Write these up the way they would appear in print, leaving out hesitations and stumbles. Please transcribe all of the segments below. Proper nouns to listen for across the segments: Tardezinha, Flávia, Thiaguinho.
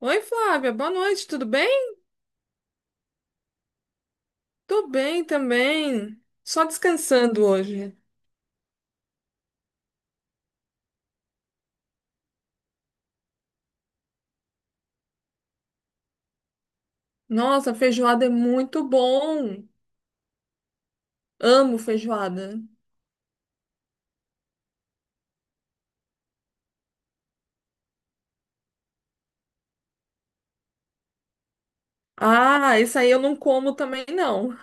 Oi, Flávia, boa noite, tudo bem? Tô bem também. Só descansando hoje. Nossa, feijoada é muito bom. Amo feijoada. Ah, isso aí eu não como também não.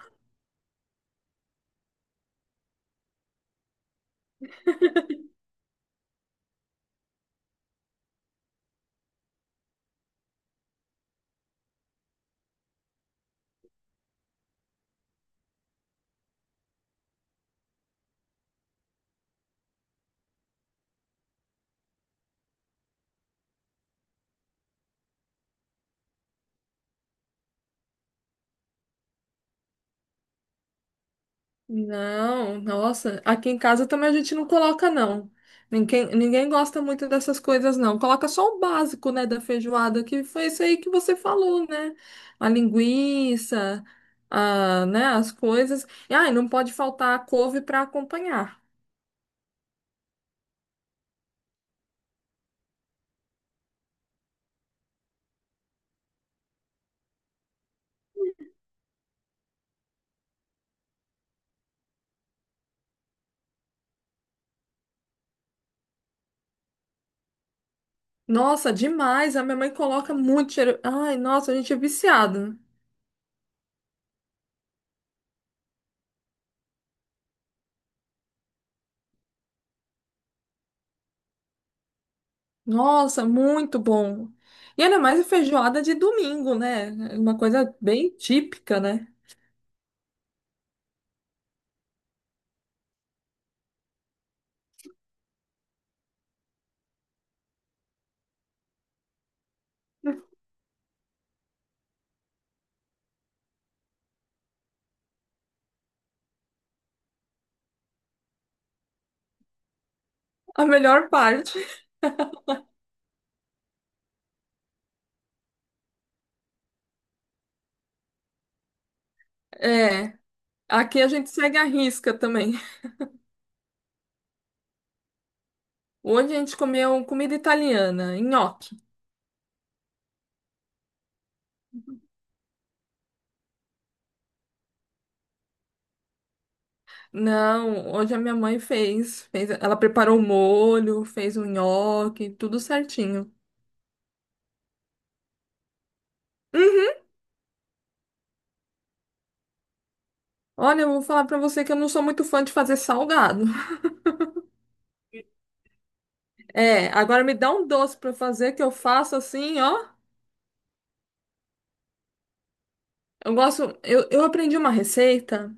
Não, nossa, aqui em casa também a gente não coloca não. Ninguém gosta muito dessas coisas não. Coloca só o básico, né, da feijoada, que foi isso aí que você falou, né? A linguiça, a, né, as coisas. E, e não pode faltar a couve para acompanhar. Nossa, demais. A minha mãe coloca muito cheiro. Ai, nossa, a gente é viciado. Nossa, muito bom. E ainda mais a feijoada de domingo, né? É uma coisa bem típica, né? A melhor parte. É, aqui a gente segue a risca também. Hoje a gente comeu comida italiana, nhoque. Não, hoje a minha mãe fez, ela preparou o molho, fez o nhoque, tudo certinho. Uhum. Olha, eu vou falar pra você que eu não sou muito fã de fazer salgado. É, agora me dá um doce pra eu fazer que eu faço assim, ó. Eu aprendi uma receita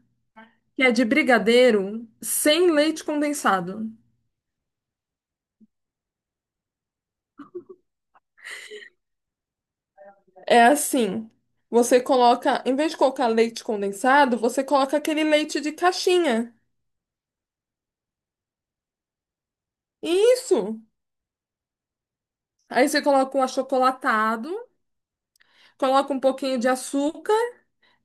que é de brigadeiro sem leite condensado. É assim, você coloca, em vez de colocar leite condensado, você coloca aquele leite de caixinha. Isso. Aí você coloca um achocolatado, coloca um pouquinho de açúcar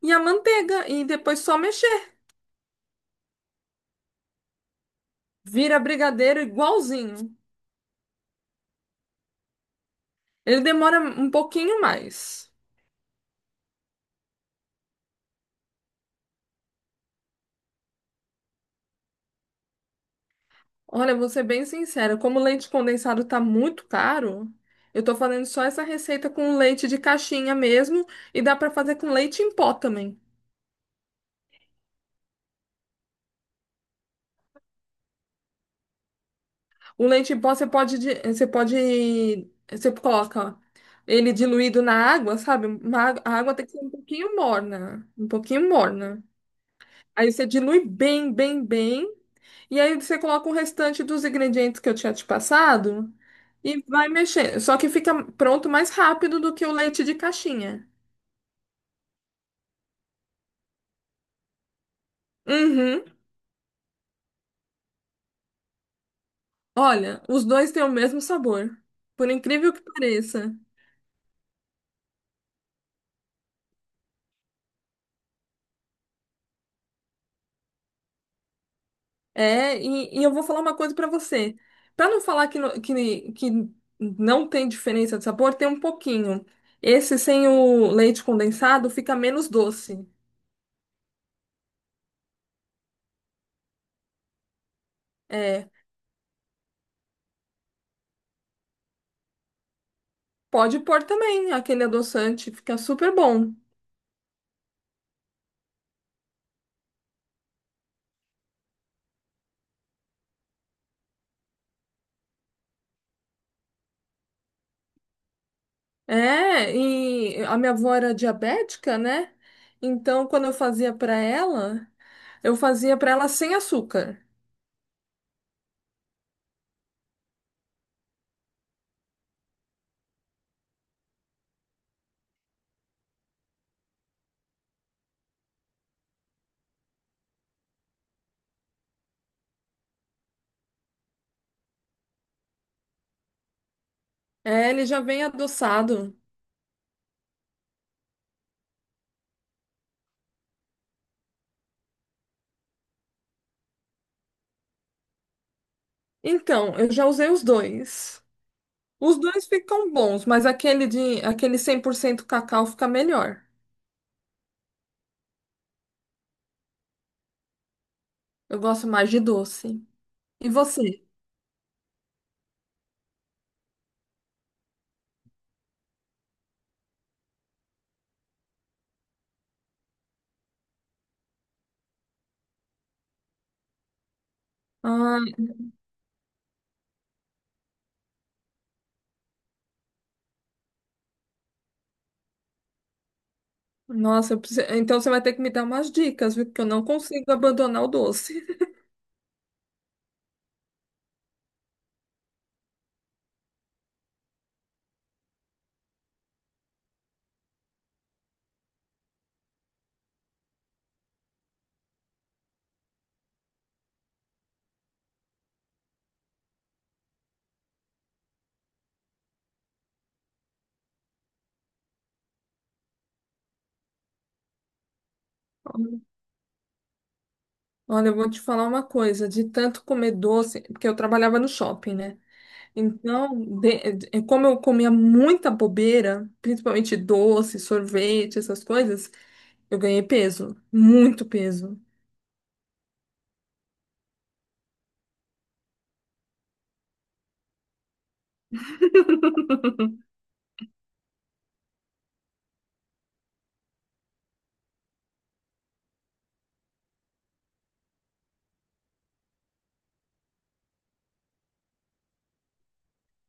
e a manteiga e depois só mexer. Vira brigadeiro igualzinho. Ele demora um pouquinho mais. Olha, vou ser bem sincera, como o leite condensado tá muito caro, eu tô fazendo só essa receita com leite de caixinha mesmo e dá para fazer com leite em pó também. O leite em pó você pode, você pode, você coloca ele diluído na água, sabe? A água tem que ser um pouquinho morna, um pouquinho morna. Aí você dilui bem, bem, bem. E aí você coloca o restante dos ingredientes que eu tinha te passado e vai mexendo. Só que fica pronto mais rápido do que o leite de caixinha. Uhum. Olha, os dois têm o mesmo sabor. Por incrível que pareça. É, e eu vou falar uma coisa pra você. Pra não falar que, que não tem diferença de sabor, tem um pouquinho. Esse sem o leite condensado fica menos doce. É, pode pôr também aquele adoçante, fica super bom. É, e a minha avó era diabética, né? Então, quando eu fazia pra ela, eu fazia pra ela sem açúcar. É, ele já vem adoçado. Então, eu já usei os dois. Os dois ficam bons, mas aquele 100% cacau fica melhor. Eu gosto mais de doce. E você? Ah, nossa, então você vai ter que me dar umas dicas, viu? Porque eu não consigo abandonar o doce. Olha, eu vou te falar uma coisa, de tanto comer doce, porque eu trabalhava no shopping, né? Então, como eu comia muita bobeira, principalmente doce, sorvete, essas coisas, eu ganhei peso, muito peso.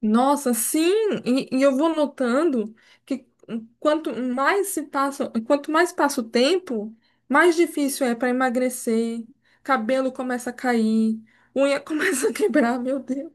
Nossa, sim, e eu vou notando que quanto mais se passa, quanto mais passa o tempo, mais difícil é para emagrecer, cabelo começa a cair, unha começa a quebrar, meu Deus.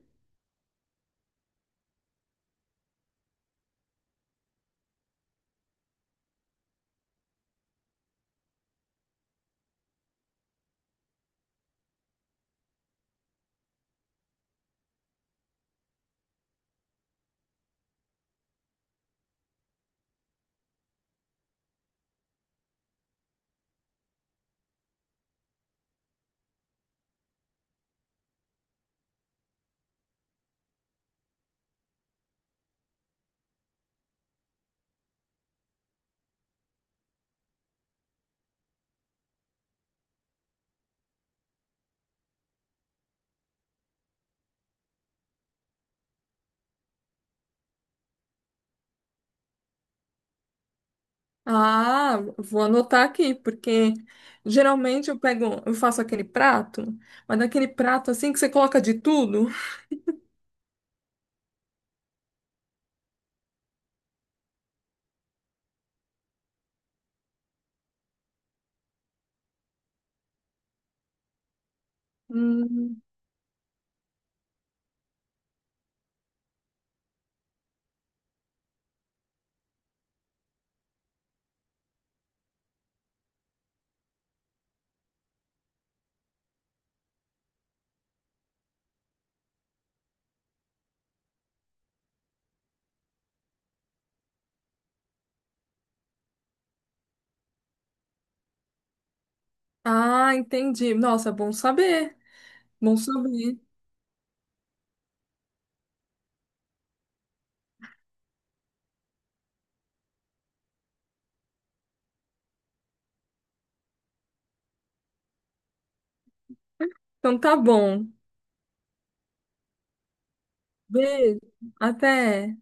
Ah, vou anotar aqui, porque geralmente eu pego, eu faço aquele prato, mas daquele prato assim que você coloca de tudo. Hum. Ah, entendi. Nossa, bom saber, bom saber. Então tá bom. Beijo, até.